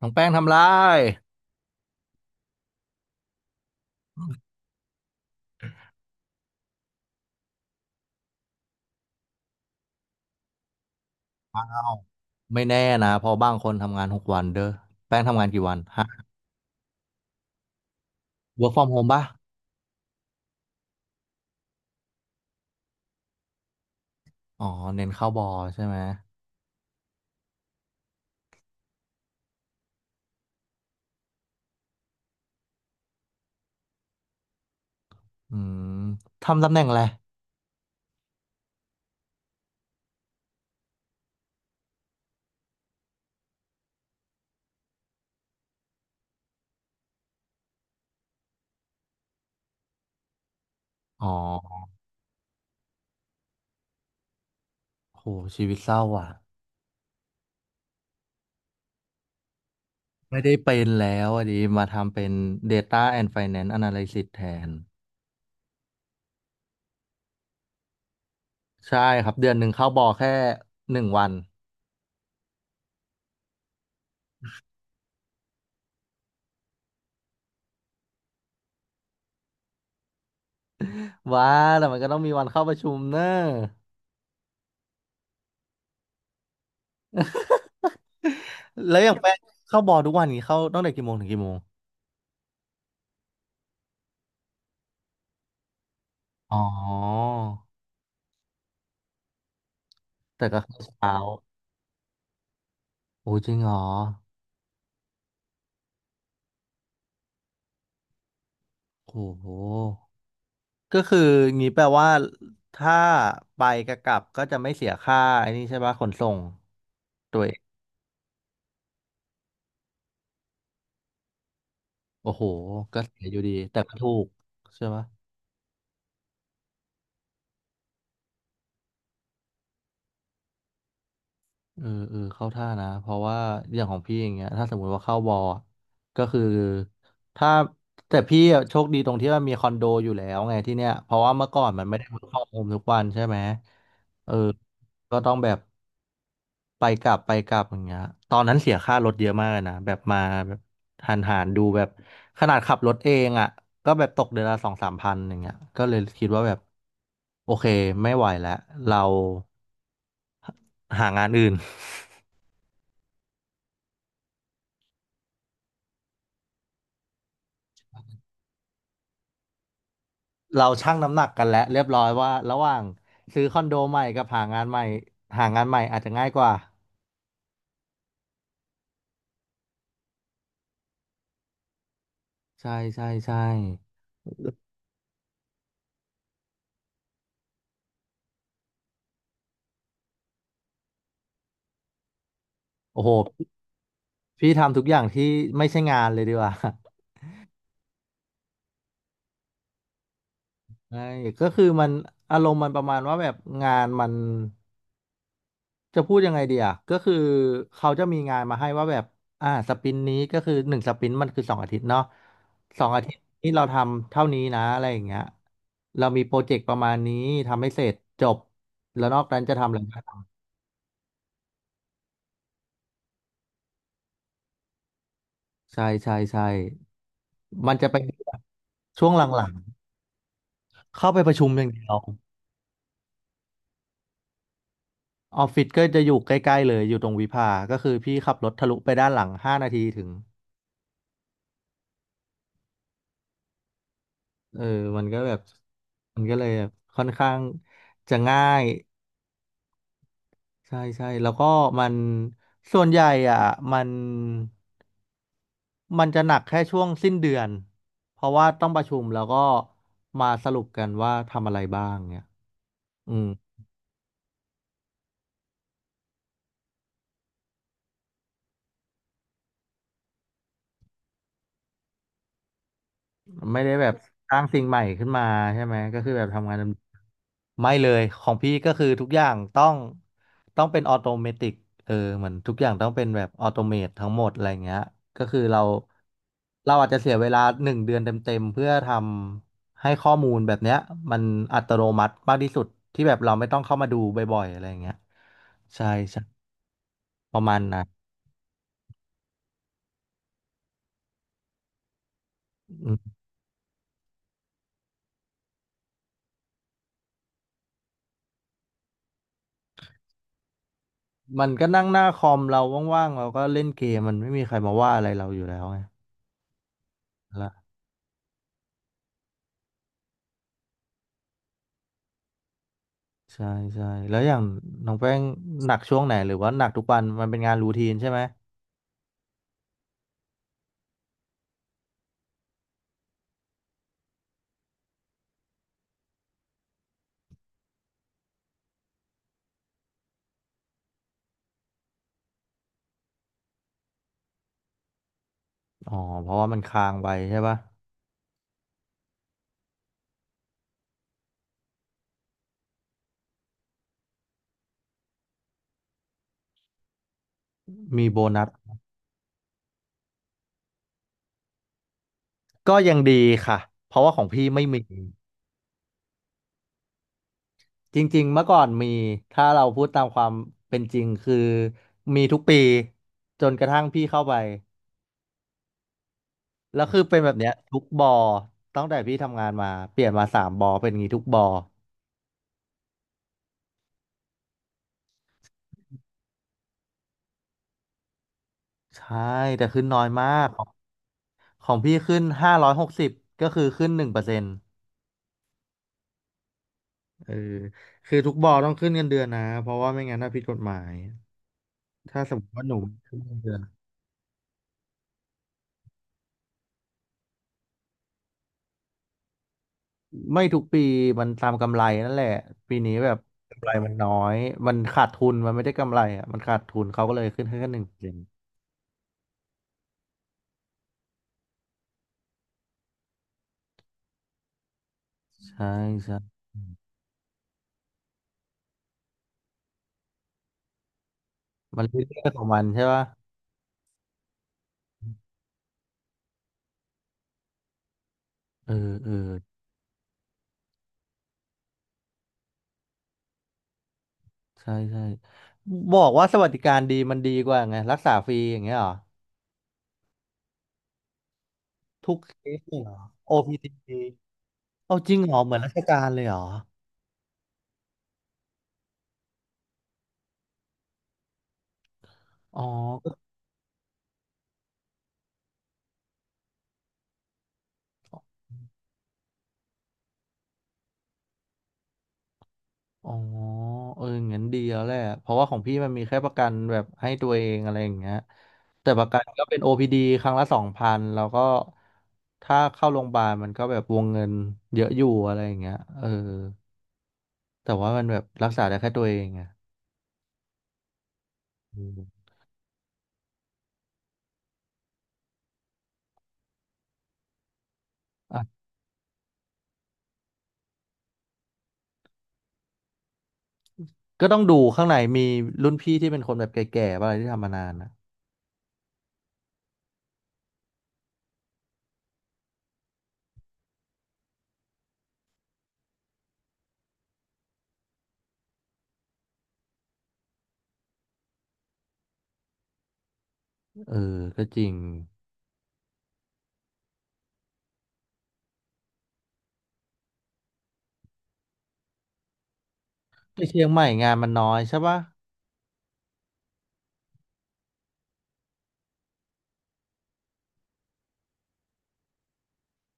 น้องแป้งทำไรเอ้าไม่แน่นะเพอบางคนทำงานหกวันเด้อแป้งทำงานกี่วันฮะ work from home ป่ะอ๋อเน้นเข้าบอใช่ไหมอืมทำตำแหน่งอะไรอ๋อโหชีวิตเศร้าอ่ะ ไม่ได้เป็นแล้วอ่ะดิมาทำเป็น Data and Finance Analysis แทน ใช่ครับ เดือนหนึ่งเข้าบอแค่หนึ่งวันว้าแต่มันก็ต้องมีวันเข้าประชุมเนอะแล้วอย่างแป้งเข้าบอทุกวันนี้เข้าตั้งแต่กี่โมงถึงกี่โมงอ๋อแต่ก็เข้าเช้า โอ้จริงเหรอโอ้โหก็คืองี้แปลว่าถ้าไปกับกลับก็จะไม่เสียค่าไอ้นี่ใช่ปะขนส่งตัวเองโอ้โหก็เสียอยู่ดีแต่ก็ถูกใช่ไหม เออเออเข้าท่านะเพราะว่าอย่างของพี่อย่างเงี้ยถ้าสมมุติว่าเข้าบอลอะก็คือถ้าแต่พี่อะโชคดีตรงที่ว่ามีคอนโดอยู่แล้วไงที่เนี้ยเพราะว่าเมื่อก่อนมันไม่ได้เวิร์กอรโฮมทุกวันใช่ไหมเออก็ต้องแบบไปกลับไปกลับอย่างเงี้ยตอนนั้นเสียค่ารถเยอะมากเลยนะแบบมาแบบหันหันดูแบบขนาดขับรถเองอ่ะก็แบบตกเดือนละสองสามพันอย่างเงี้ยก็เลยคิดว่าแบบโอเคไม่ไหวแล้วเราหางานอื่น เราชั่งน้ำหนักกันแล้วเรียบร้อยว่าระหว่างซื้อคอนโดใหม่กับหางานใหม่หางานใหม่อาจจะง่ายกว่าใช่ใช่ใช่โอ้โหพี่ทำทุกอย่างที่ไม่ใช่งานเลยดีกว่า ใช่ก็คือมันอารมณ์มันประมาณว่าแบบงานมันจะพูดยังไงดีอ่ะก็คือเขาจะมีงานมาให้ว่าแบบสปรินต์นี้ก็คือหนึ่งสปรินต์มันคือสองอาทิตย์เนาะสองอาทิตย์นี้เราทำเท่านี้นะอะไรอย่างเงี้ยเรามีโปรเจกต์ประมาณนี้ทำให้เสร็จจบแล้วนอกนั้นจะทำอะไร ใช่ใช่ใช่มันจะเป็นแบบช่วงหลังๆ เข้าไปประชุมอย่างเดียวออฟฟิศก็จะอยู่ใกล้ๆเลยอยู่ตรงวิภา ก็คือพี่ขับรถทะลุไปด้านหลังห้านาทีถึงเออมันก็แบบมันก็เลยแบบค่อนข้างจะง่ายใช่ใช่แล้วก็มันส่วนใหญ่อ่ะมันมันจะหนักแค่ช่วงสิ้นเดือนเพราะว่าต้องประชุมแล้วก็มาสรุปกันว่าทำอะไรบ้างเนี่ยอืม ไม่ได้แบบสร้างสิ่งใหม่ขึ้นมาใช่ไหมก็คือแบบทำงานเดิมไม่เลยของพี่ก็คือทุกอย่างต้องเป็นออโตเมติกเออเหมือนทุกอย่างต้องเป็นแบบออโตเมตทั้งหมดอะไรเงี้ยก็คือเราเราอาจจะเสียเวลาหนึ่งเดือนเต็มๆเพื่อทำให้ข้อมูลแบบเนี้ยมันอัตโนมัติมากที่สุดที่แบบเราไม่ต้องเข้ามาดูบ่อยๆอะไรเงี้ยใช่ใช่ประมาณนั้นอืมมันก็นั่งหน้าคอมเราว่างๆเราก็เล่นเกมมันไม่มีใครมาว่าอะไรเราอยู่แล้วไง ใช่ใช่แล้วอย่างน้องแป้งหนักช่วงไหนหรือว่าหนักทุกวันมันเป็นงานรูทีนใช่ไหมอ๋อเพราะว่ามันค้างไว้ใช่ปะมีโบนัสก็ยังดีค่ะเพราะว่าของพี่ไม่มีจริงๆเมื่อก่อนมีถ้าเราพูดตามความเป็นจริงคือมีทุกปีจนกระทั่งพี่เข้าไปแล้วคือเป็นแบบเนี้ยทุกบอตั้งแต่พี่ทำงานมาเปลี่ยนมาสามบอเป็นอย่างงี้ทุกบอใช่แต่ขึ้นน้อยมากของพี่ขึ้นห้าร้อยหกสิบก็คือขึ้นหนึ่งเปอร์เซ็นต์ เออคือทุกบอต้องขึ้นเงินเดือนนะเพราะว่าไม่งั้นถ้าผิดกฎหมายถ้าสมมติว่าหนูขึ้นเงินเดือนไม่ทุกปีมันตามกำไรนั่นแหละปีนี้แบบกำไรมันน้อยมันขาดทุนมันไม่ได้กำไรอ่ะมันขาดทุนเขาก็เลยขึ้นให้แค่หนึ่งเปอร์เซ็นต์ใช่ใช่มันเรื่องของมันใช่ปะเออเออใช่ใช่บอกว่าสวัสดิการดีมันดีกว่าไงรักษาฟรีอย่างเงี้ยเหรอทุกเคสเลยเหรอ OPT เอาจริงเหรอเหมือนราชการเลยเหรออ๋อ อ๋อเอองั้นดีแล้วแหละเพราะว่าของพี่มันมีแค่ประกันแบบให้ตัวเองอะไรอย่างเงี้ยแต่ประกันก็เป็น OPD ครั้งละสองพันแล้วก็ถ้าเข้าโรงพยาบาลมันก็แบบวงเงินเยอะอยู่อะไรอย่างเงี้ยเออแต่ว่ามันแบบรักษาได้แค่ตัวเองไงอืมอ่ะก็ต้องดูข้างในมีรุ่นพี่ที่เป็นคนแบบแก่ๆป่ะอะไรที่ทำมานานอ่ะเออก็จริงที่เชียงใหม่งานมันน้อยใช่ปะ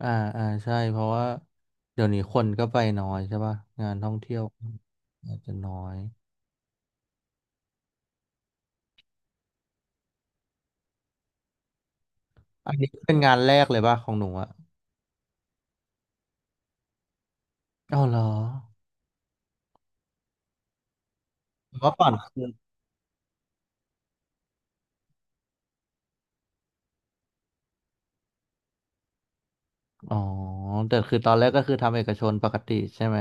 อ่าอ่าใช่เพราะว่าเดี๋ยวนี้คนก็ไปน้อยใช่ป่ะงานท่องเที่ยวอาจจะน้อยอันนี้เป็นงานแรกเลยป่ะของหนูอะอ๋อเหรอแต่ว่าก่อนคืออ๋อแต่คือตอนแรกก็คือทำเอกชนปกติใช่ไหม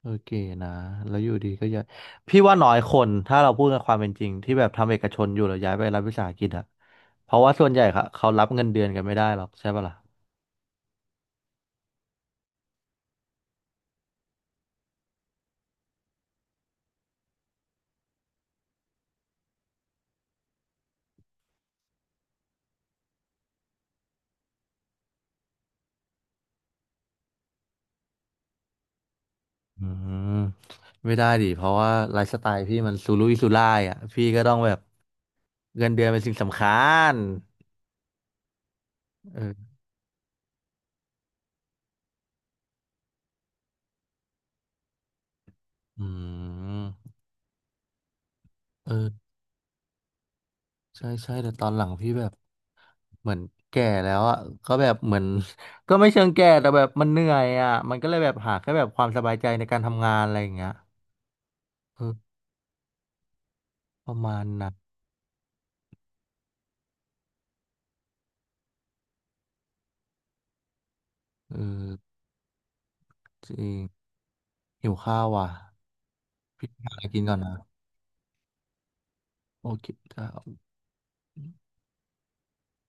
โอเคนะแล้วอยู่ดีก็ย้ายพี่ว่าน้อยคนถ้าเราพูดกันความเป็นจริงที่แบบทำเอกชนอยู่แล้วย้ายไปรัฐวิสาหกิจอะเพราะว่าส่วนใหญ่ค่ะเขารับเงินเดือนกันไม่ได้หรอกใช่ป่ะล่ะ อืมไม่ได้ดิเพราะว่าไลฟ์สไตล์พี่มันสูรุ่ยสูร่ายอ่ะพี่ก็ต้องแบบเงินเดือนเป็นสิ่งสำคัญเอออืมเออใช่ใช่แต่ตอนหลังพี่แบบเหมือนแก่แล้วอ่ะก็แบบเหมือน ก็ไม่เชิงแก่แต่แบบมันเหนื่อยอ่ะมันก็เลยแบบหาแค่แบบความสบายใจในการทำงานอะไรอย่างเงี้ยเออประมาณนั้นเออจริงหิวข้าวว่ะพี่หาอะไรกินก่อนนะโอเคจ้า